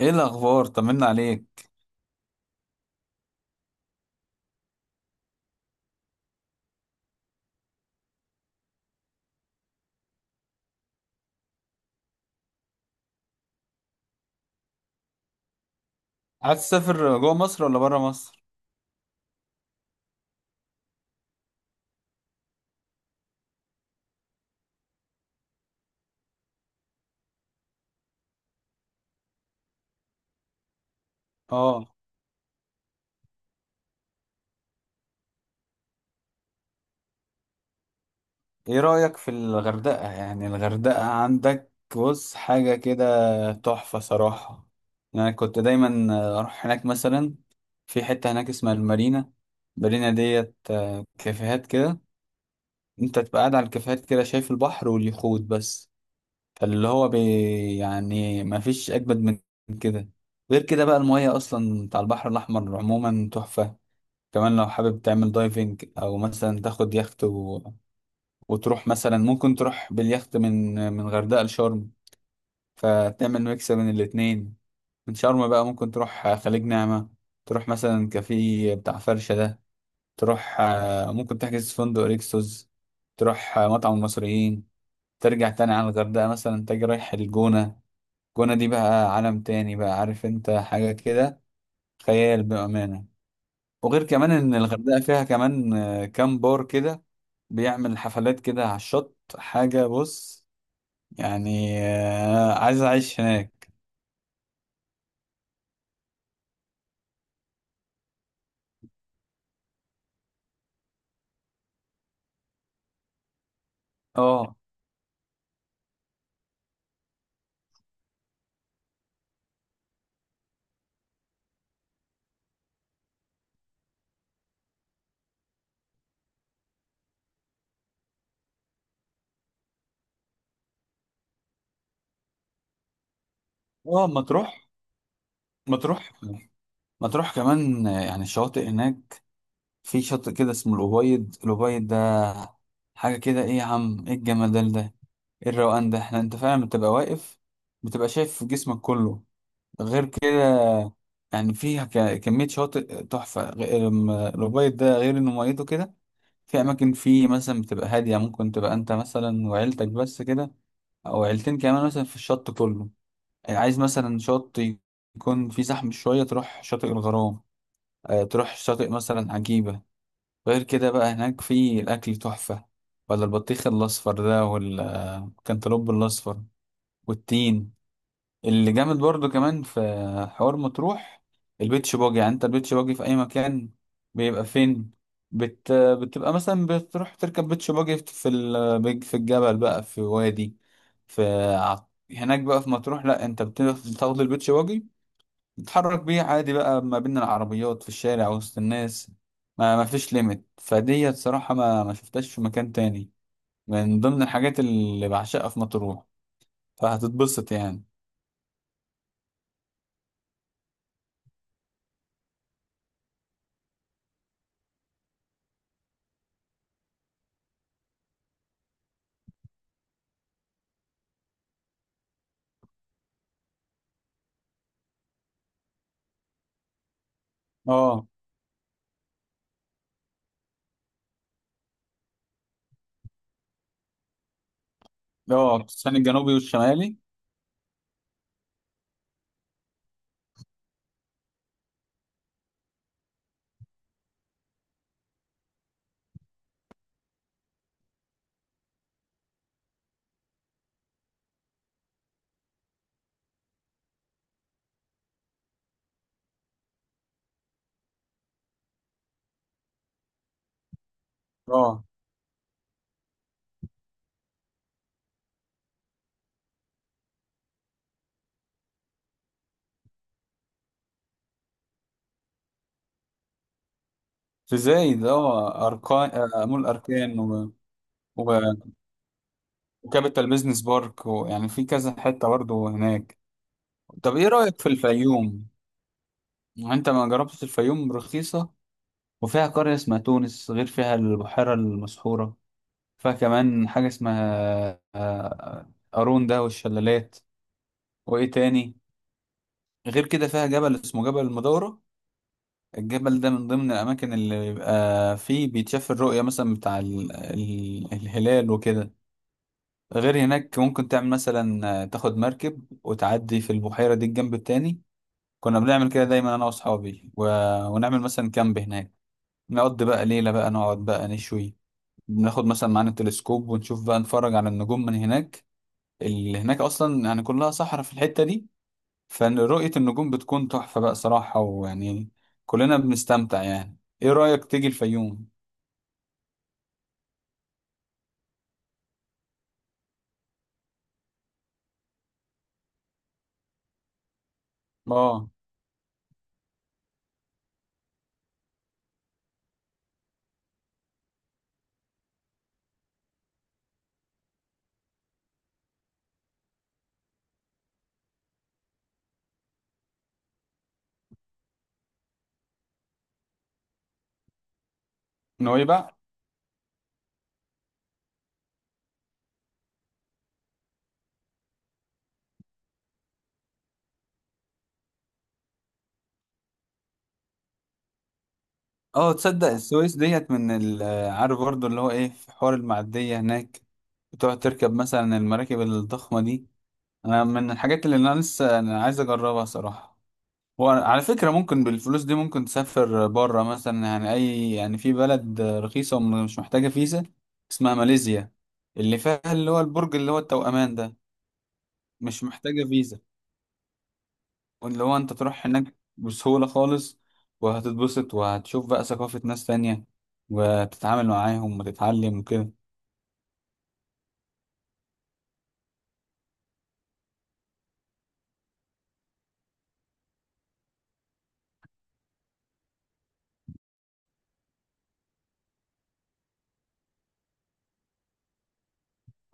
ايه الاخبار؟ طمنا عليك. عايز تسافر جوه مصر ولا بره مصر؟ اه. ايه رايك في الغردقه؟ يعني الغردقه عندك، بص حاجه كده تحفه صراحه. يعني كنت دايما اروح هناك مثلا. في حته هناك اسمها المارينا. المارينا ديت كافيهات كده. انت تبقى قاعد على الكافيهات كده شايف البحر واليخوت بس. فاللي هو بي يعني ما فيش اجمد من كده. غير كده بقى المياه اصلا بتاع البحر الاحمر عموما تحفه. كمان لو حابب تعمل دايفنج او مثلا تاخد يخت وتروح مثلا، ممكن تروح باليخت من غردقة لشرم. فتعمل ميكس بين الاتنين. من شرم بقى ممكن تروح خليج نعمة. تروح مثلا كافيه بتاع فرشة ده. تروح ممكن تحجز في فندق ريكسوس. تروح مطعم المصريين. ترجع تاني على الغردقة مثلا تجي رايح الجونة. الجونة دي بقى عالم تاني بقى، عارف انت حاجة كده. خيال بأمانة. وغير كمان ان الغردقه فيها كمان كام بار كده بيعمل حفلات كده على الشط. حاجه بص، يعني عايز اعيش هناك. اه، اه. مطروح. مطروح. مطروح كمان يعني الشواطئ هناك. في شاطئ كده اسمه الأبيض. الأبيض ده حاجه كده. ايه يا عم، ايه الجمدان ده! ايه الروقان ده! احنا، انت فعلا بتبقى واقف، بتبقى شايف جسمك كله. غير كده يعني فيها كمية شواطئ تحفة. غير الأبيض ده، غير إنه ميته كده. في أماكن فيه مثلا بتبقى هادية، ممكن تبقى أنت مثلا وعيلتك بس كده، أو عيلتين كمان مثلا في الشط كله. يعني عايز مثلا شط يكون فيه زحمة شوية، تروح شاطئ الغرام. تروح شاطئ مثلا عجيبة. غير كده بقى هناك في الأكل تحفة، ولا البطيخ الأصفر ده، والكنتالوب الأصفر، والتين اللي جامد برضو. كمان في حوار مطروح، البيتش باجي. يعني انت البيتش باجي في اي مكان بيبقى فين؟ بتبقى مثلا بتروح تركب بيتش باجي في الجبل بقى، في وادي، في هناك بقى في مطروح. لا، انت بتاخد البيتش باجي، بتتحرك بيه عادي بقى ما بين العربيات في الشارع وسط الناس. ما فيش ليميت فدي، صراحة ما شفتهاش في مكان تاني. من ضمن الحاجات اللي بعشقها في مطروح. فهتتبسط يعني. اه. اه، التسخين الجنوبي والشمالي. اه. في زايد. اه، اركان، مول اركان و... و... وكابيتال بيزنس بارك. ويعني في كذا حته برضه هناك. طب ايه رايك في الفيوم؟ يعني انت ما جربتش الفيوم. رخيصه، وفيها قريه اسمها تونس. غير فيها البحيره المسحوره. فيها كمان حاجه اسمها قارون ده، والشلالات. وايه تاني؟ غير كده فيها جبل اسمه جبل المدورة. الجبل ده من ضمن الأماكن اللي بيبقى فيه بيتشاف الرؤية مثلا بتاع الهلال وكده. غير هناك ممكن تعمل مثلا تاخد مركب وتعدي في البحيرة دي الجنب التاني. كنا بنعمل كده دايما أنا وأصحابي ونعمل مثلا كامب هناك. نقضي بقى ليلة، بقى نقعد بقى نشوي، بناخد مثلا معانا التلسكوب ونشوف بقى نتفرج على النجوم من هناك. اللي هناك أصلا يعني كلها صحراء في الحتة دي. فرؤية النجوم بتكون تحفة بقى صراحة، ويعني كلنا بنستمتع. يعني ايه رأيك تيجي الفيوم؟ اه. نويبع. اه، تصدق السويس ديت عارف برضو اللي هو ايه؟ في حوار المعدية هناك، بتقعد تركب مثلا المراكب الضخمة دي. انا من الحاجات اللي انا لسه عايز اجربها صراحة. وعلى فكرة ممكن بالفلوس دي ممكن تسافر بره مثلا، يعني اي يعني في بلد رخيصة ومش محتاجة فيزا، اسمها ماليزيا، اللي فيها اللي هو البرج اللي هو التوأمان ده. مش محتاجة فيزا، واللي هو انت تروح هناك بسهولة خالص، وهتتبسط وهتشوف بقى ثقافة ناس تانية، وتتعامل معاهم وتتعلم وكده.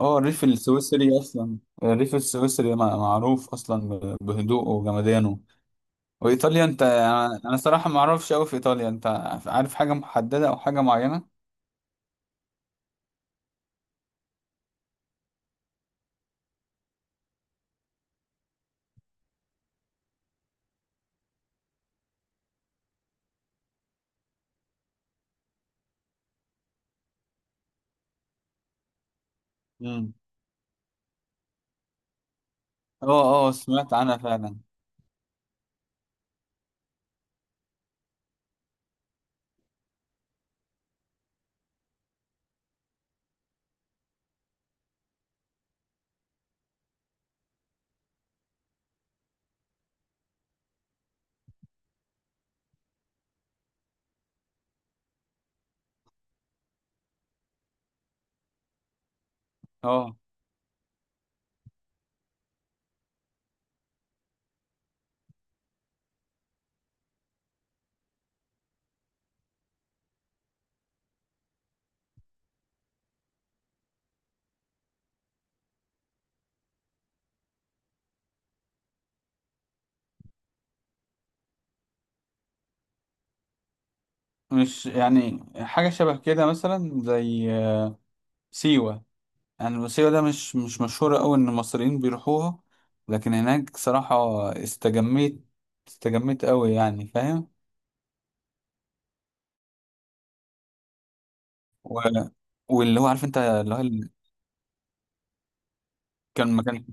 اه، الريف السويسري اصلا. الريف السويسري معروف اصلا بهدوءه وجمدانه. وايطاليا انت، انا صراحة ما اعرفش قوي في ايطاليا. انت عارف حاجة محددة او حاجة معينة؟ مم. اه، اه، سمعت عنها فعلا. اه، مش يعني حاجة شبه كده مثلا زي سيوة. يعني الموسيقى ده مش مشهورة أوي إن المصريين بيروحوها، لكن هناك صراحة استجميت. استجميت أوي، يعني فاهم. و... واللي هو عارف أنت، اللي هو كان مكان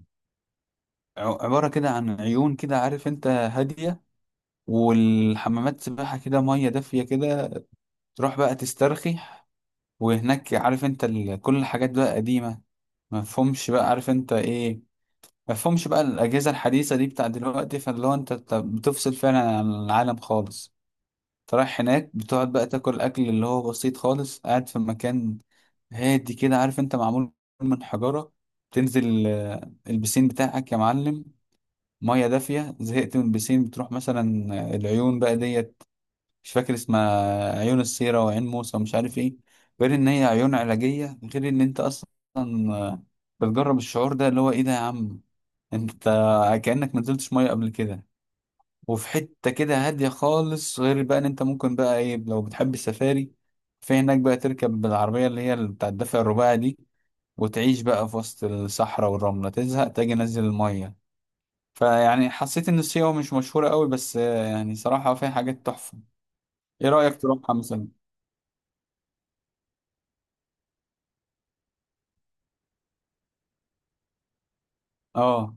عبارة كده عن عيون كده، عارف أنت، هادية. والحمامات سباحة كده، مية دافية كده، تروح بقى تسترخي. وهناك عارف أنت، كل الحاجات بقى قديمة. مفهومش بقى، عارف أنت إيه، مفهومش بقى الأجهزة الحديثة دي بتاع دلوقتي. فاللي هو أنت بتفصل فعلا عن العالم خالص. فرايح هناك بتقعد بقى تاكل الاكل اللي هو بسيط خالص، قاعد في مكان هادي كده، عارف انت، معمول من حجارة. تنزل البسين بتاعك يا معلم، مية دافية. زهقت من البسين، بتروح مثلا العيون بقى ديت. مش فاكر اسمها، عيون السيرة وعين موسى ومش عارف ايه. غير ان هي عيون علاجية، غير ان انت اصلا آه، بتجرب الشعور ده اللي هو، ايه ده يا عم؟ انت كأنك ما نزلتش مية قبل كده. وفي حتة كده هادية خالص. غير بقى ان انت ممكن بقى ايه، لو بتحب السفاري في هناك بقى تركب بالعربية اللي هي بتاع الدفع الرباعي دي، وتعيش بقى في وسط الصحراء والرملة. تزهق تاجي نزل المية. فيعني حسيت ان سيوة مش مشهورة قوي، بس يعني صراحة فيها حاجات تحفة. ايه رأيك تروحها مثلا؟ اه.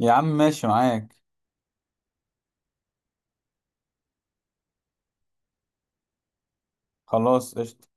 يا عم ماشي معاك. خلاص، قشطة.